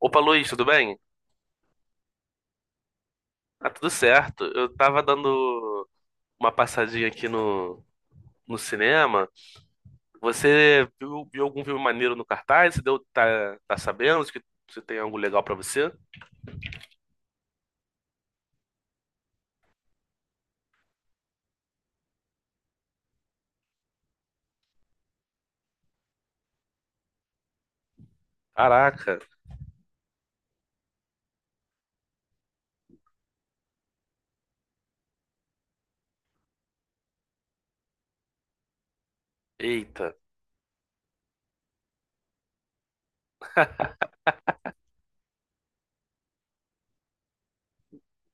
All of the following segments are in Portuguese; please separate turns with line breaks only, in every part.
Opa, Luiz, tudo bem? Ah, tudo certo. Eu tava dando uma passadinha aqui no cinema. Você viu algum filme maneiro no cartaz? Você tá sabendo se que se tem algo legal pra você? Caraca, eita.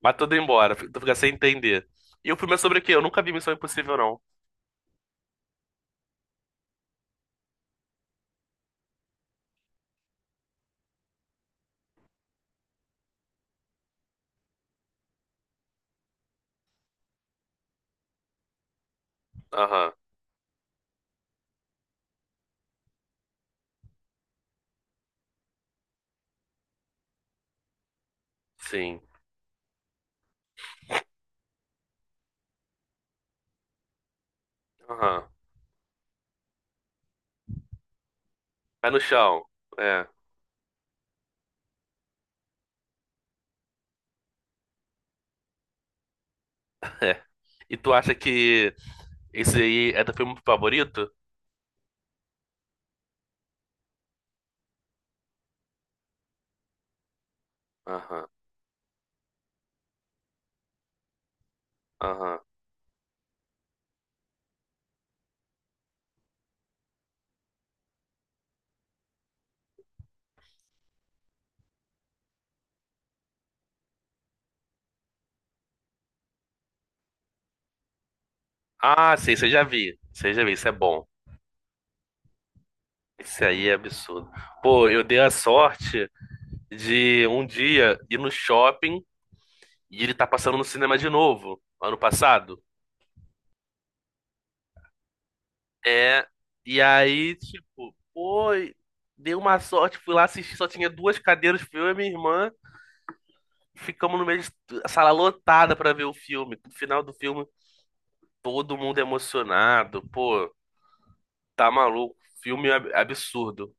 Mas tudo embora, tu fica sem entender. E o filme é sobre o quê? Eu nunca vi Missão Impossível, não. Aham, sim. Aham. Pé no chão. É, é. E tu acha que esse aí é teu filme favorito? Aham, aham. Ah, sim, você já vi. Você já vi, isso é bom. Isso aí é absurdo. Pô, eu dei a sorte de um dia ir no shopping e ele tá passando no cinema de novo, ano passado. É, e aí, tipo, pô, dei uma sorte, fui lá assistir, só tinha duas cadeiras, fui eu e minha irmã. Ficamos no meio da sala lotada pra ver o filme. No final do filme, todo mundo emocionado. Pô, tá maluco. Filme absurdo.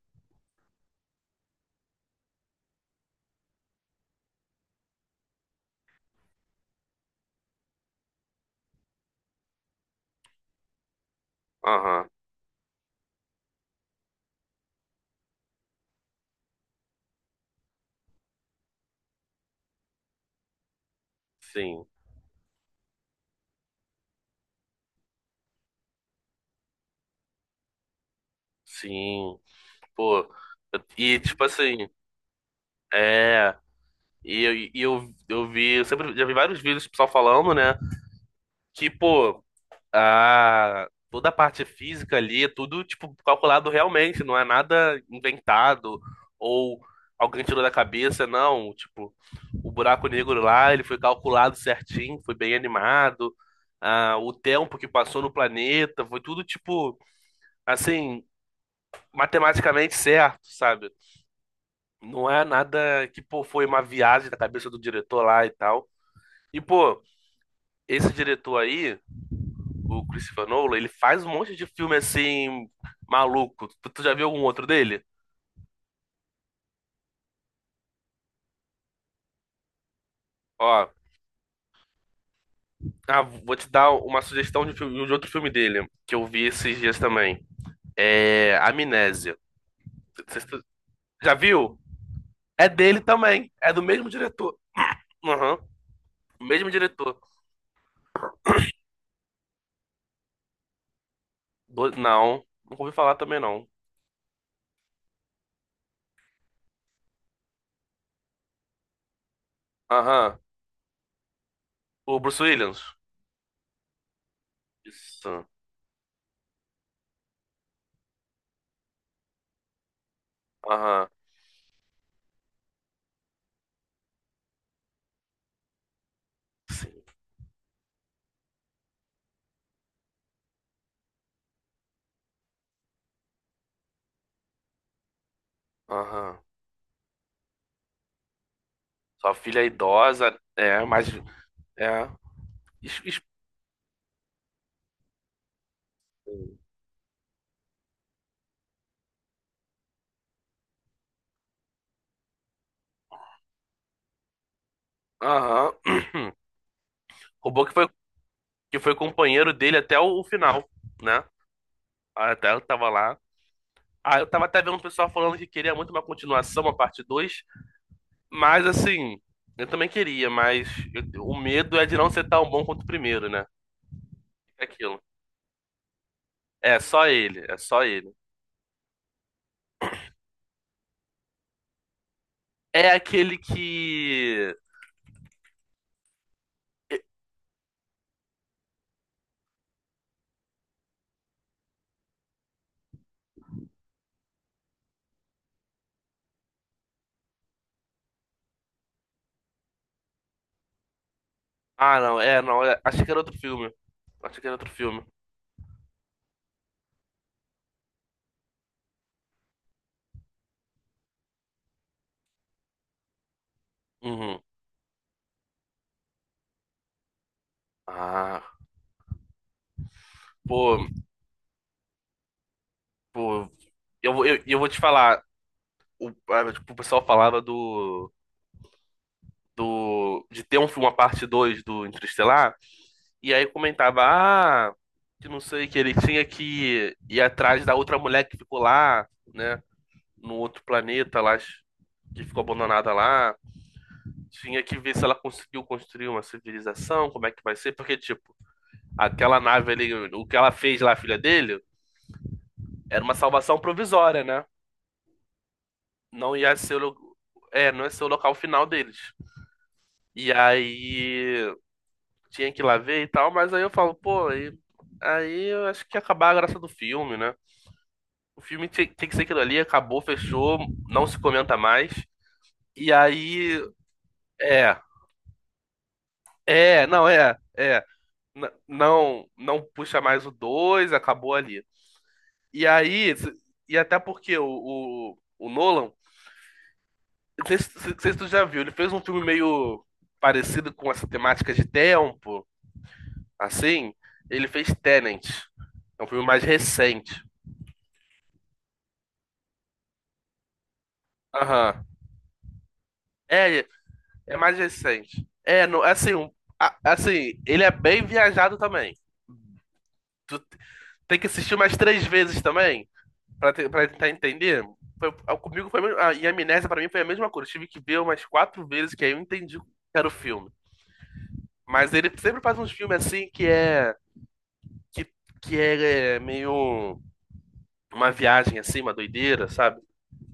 Aham, sim, sim. Pô, e tipo assim, é. Eu vi, eu sempre já vi vários vídeos do pessoal falando, né? Que, pô, a, toda a parte física ali, é tudo, tipo, calculado realmente, não é nada inventado ou alguém tirou da cabeça, não. Tipo, o buraco negro lá, ele foi calculado certinho, foi bem animado. Ah, o tempo que passou no planeta, foi tudo, tipo, assim, matematicamente certo, sabe? Não é nada que, pô, foi uma viagem da cabeça do diretor lá e tal. E, pô, esse diretor aí, o Christopher Nolan, ele faz um monte de filme assim, maluco. Tu já viu algum outro dele? Ó, ah, vou te dar uma sugestão de, de outro filme dele, que eu vi esses dias também. É Amnésia. Cê- cê- Já viu? É dele também. É do mesmo diretor. Aham. O Mesmo diretor. Não, nunca ouvi falar também não. Aham. O Bruce Williams. Isso. Aham. Aham. Sua filha é idosa, é, mas é. Es- es- Aham. Roubou que foi companheiro dele até o final, né? Até eu tava lá. Ah, eu tava até vendo o pessoal falando que queria muito uma continuação, uma parte 2, mas assim, eu também queria, mas o medo é de não ser tão bom quanto o primeiro, né? É aquilo. É só ele, é só ele. É aquele que. Ah, não, é, não, achei que era outro filme. Achei que era outro filme. Uhum. Ah, pô, pô, eu vou te falar. O, ah, tipo, o pessoal falava de ter um, filme uma parte 2 do Interestelar, e aí comentava, ah, que não sei, que ele tinha que ir atrás da outra mulher que ficou lá, né, no outro planeta lá, que ficou abandonada lá. Tinha que ver se ela conseguiu construir uma civilização, como é que vai ser, porque, tipo, aquela nave ali, o que ela fez lá, a filha dele, era uma salvação provisória, né? Não ia ser é, não ia ser o local final deles. E aí tinha que ir lá ver e tal, mas aí eu falo, pô, aí eu acho que ia acabar a graça do filme, né? O filme tem que ser aquilo ali, acabou, fechou, não se comenta mais. E aí, é, é, não, é, é, não, não puxa mais o 2 acabou ali. E aí, e até porque o Nolan, não sei se tu já viu, ele fez um filme meio parecido com essa temática de tempo. Assim, ele fez Tenet. É um filme mais recente. Aham. É, é mais recente. É, não, assim, assim, ele é bem viajado também. Tu t- Tem que assistir umas três vezes também, pra, pra tentar entender. Comigo foi e a Amnésia pra mim foi a mesma coisa. Eu tive que ver umas quatro vezes que aí eu entendi o que era o filme. Mas ele sempre faz uns filmes assim que é, que, que é, é meio uma viagem assim, uma doideira, sabe?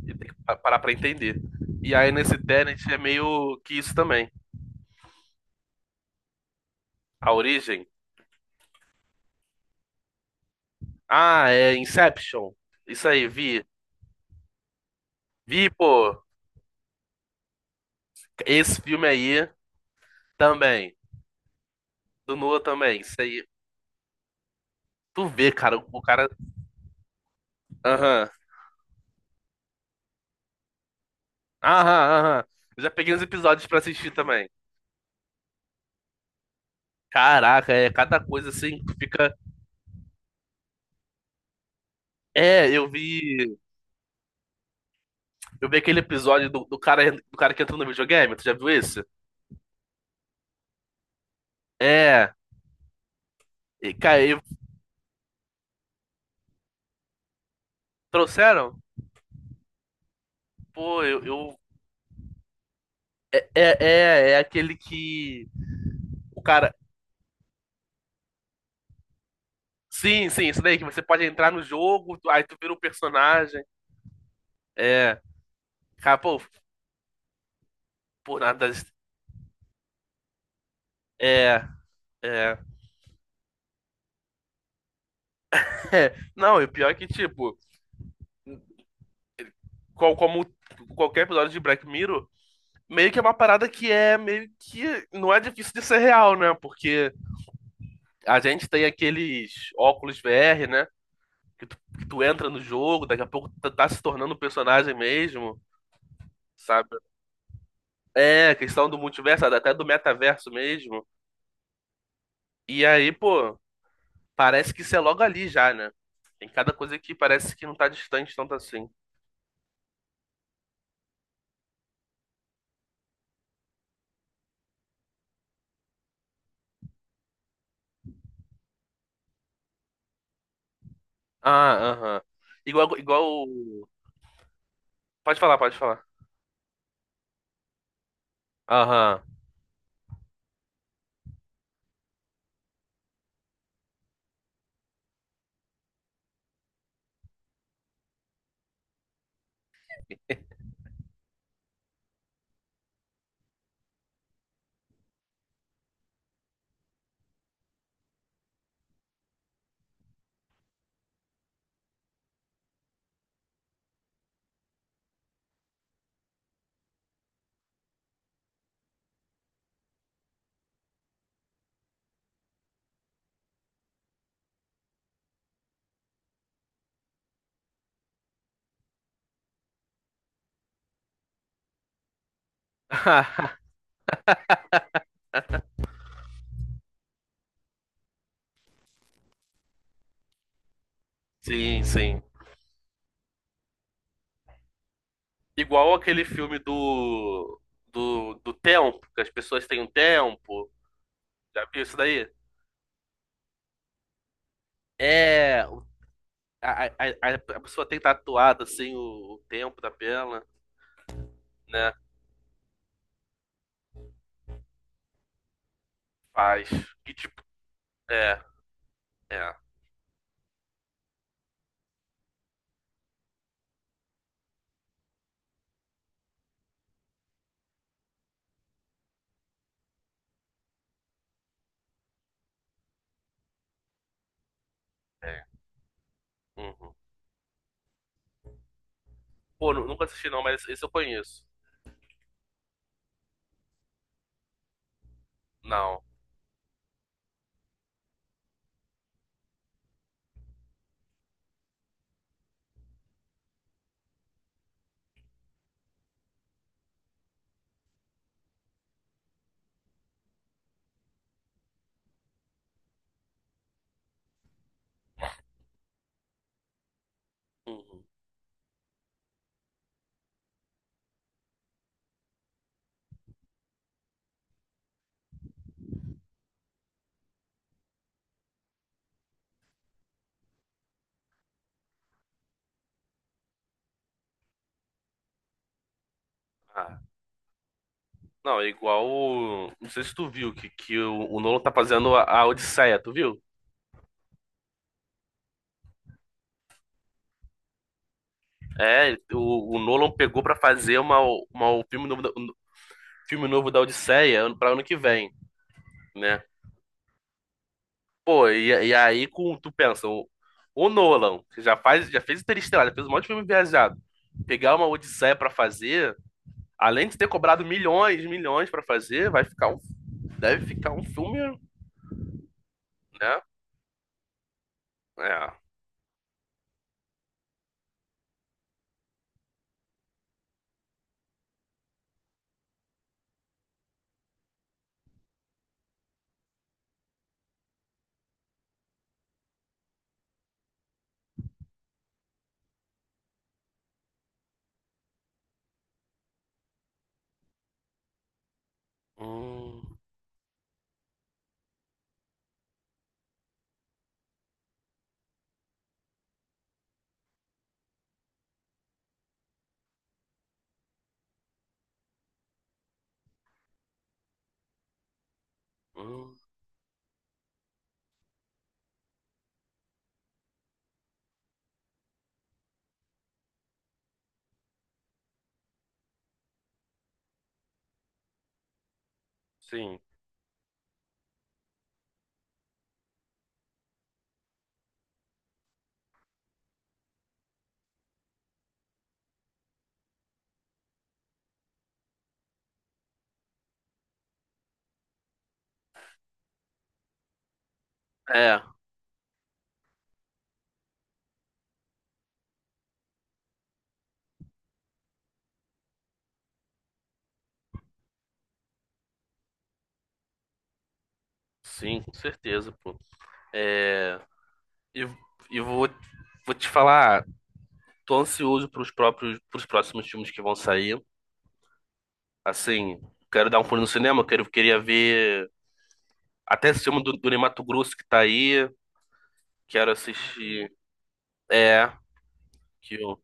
E tem que parar pra entender. E aí nesse Tenet é meio que isso também. A origem. Ah, é Inception. Isso aí, vi. Vi, pô, esse filme aí também. Do Noah também. Isso aí. Tu vê, cara, o cara. Aham. Aham, aham. Eu já peguei uns episódios pra assistir também. Caraca, é cada coisa assim que fica. É, eu vi. Eu vi aquele episódio do cara que entrou no videogame. Tu já viu esse? É. E, cara, e trouxeram? Pô, eu É, é, é aquele que o cara. Sim, sim, isso daí, que você pode entrar no jogo, tu- aí tu vira o personagem. É, cara, pô, por nada. Das- É, é. É. Não, e o pior é que, tipo, qual, como qualquer episódio de Black Mirror, meio que é uma parada que é meio que. Não é difícil de ser real, né? Porque a gente tem aqueles óculos VR, né? Que tu entra no jogo, daqui a pouco tu tá se tornando um personagem mesmo, sabe? É, a questão do multiverso, até do metaverso mesmo. E aí, pô, parece que isso é logo ali já, né? Tem cada coisa que parece que não tá distante tanto assim. Ah, aham. Igual, igual. o- Pode falar, pode falar. Aham. Sim, sim. Igual aquele filme do tempo, que as pessoas têm um tempo. Já viu isso daí? É, a, a a pessoa tem tatuado assim o tempo da perna, né? Faz. E tipo, é. É, é. Uhum. Pô, nunca assisti não, mas esse eu conheço. Não. Uhum. Ah. Não, é igual. Não sei se tu viu que o Nolan tá fazendo a Odisseia, tu viu? É, o Nolan pegou pra fazer uma, um filme novo da, um filme novo da Odisseia pra ano que vem, né? Pô, e aí com, tu pensa, o Nolan, que já fez Interestelar, já fez um monte de filme viajado. Pegar uma Odisseia pra fazer, além de ter cobrado milhões, milhões pra fazer, vai ficar um Deve ficar um filme, né? É. Hum, hum, sim. É, sim, com certeza, pô. É, e, e vou, vou te falar, tô ansioso pros próximos filmes que vão sair. Assim, quero dar um pulo no cinema, quero, queria ver até esse filme do Ney Matogrosso que tá aí. Quero assistir. É, que o.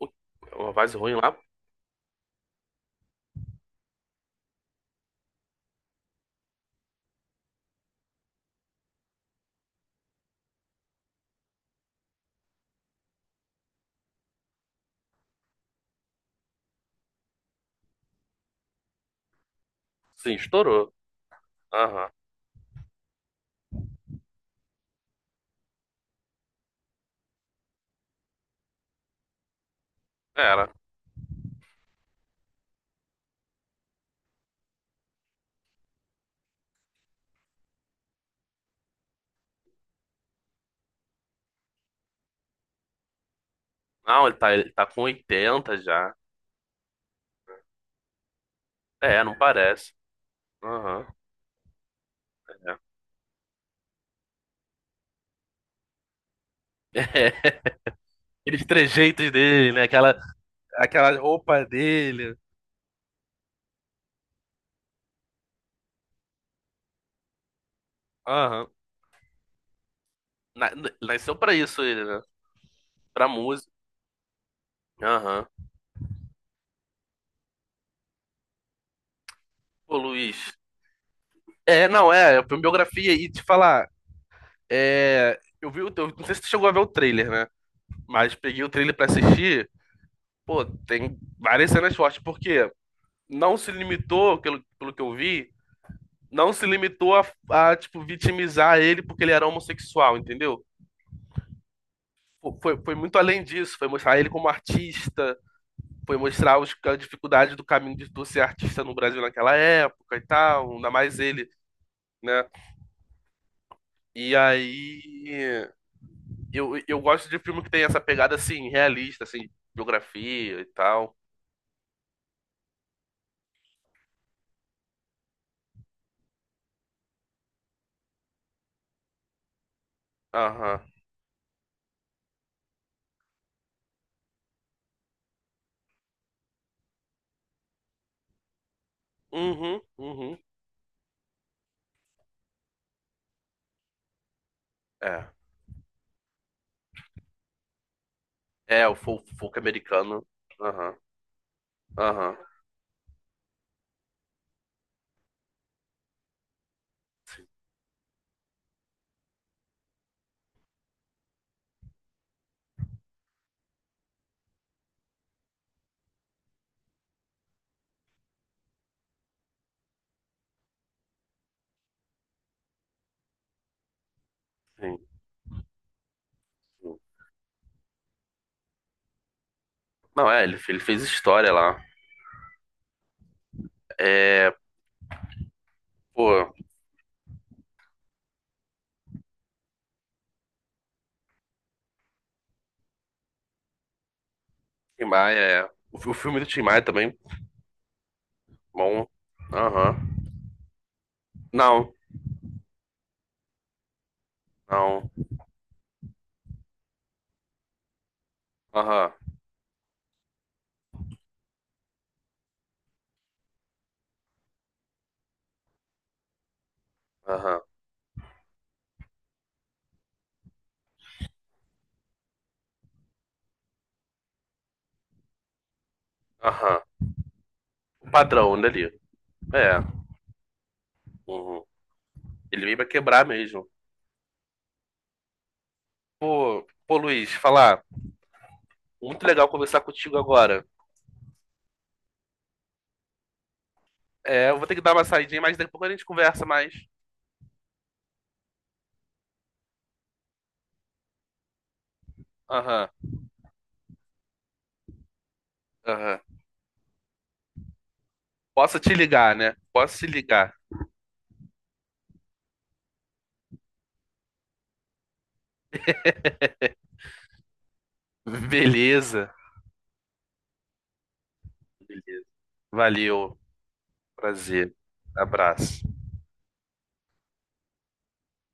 Ui, uma base ruim lá? Sim, estourou. Aham. Era. Não, ele tá com 80 já. É, não parece. Aham, é. Aqueles trejeitos dele, né? Aquela, aquela roupa dele. Aham. Nasceu pra isso ele, né? Pra música. Aham. Pô, Luiz. É, não, é, foi uma biografia e te falar, é, eu vi o teu, não sei se tu chegou a ver o trailer, né? Mas peguei o trailer pra assistir. Pô, tem várias cenas fortes, porque não se limitou, pelo, pelo que eu vi, não se limitou a, tipo, vitimizar ele porque ele era homossexual, entendeu? Foi, foi muito além disso, foi mostrar ele como artista, foi mostrar os, a dificuldade do caminho de tu ser artista no Brasil naquela época e tal, ainda mais ele, né? E aí eu gosto de filme que tem essa pegada assim, realista, assim, biografia e tal. Aham. Uhum, uhum. É. É, folk americano. Aham, aham. Sim, sim, sim. Não, é, ele fez história lá. É, pô, Tim Maia, é. O, o filme do Tim Maia também Bom. Aham. Não. Não. Aham. Aham. Aham. O padrão dali. É. Uhum. Ele veio pra quebrar mesmo. Pô, pô, Luiz, falar. Muito legal conversar contigo agora. É, eu vou ter que dar uma saidinha, mas daqui a pouco a gente conversa mais. Aham. Aham. Posso te ligar, né? Posso te ligar. Beleza. Beleza. Valeu. Prazer. Abraço.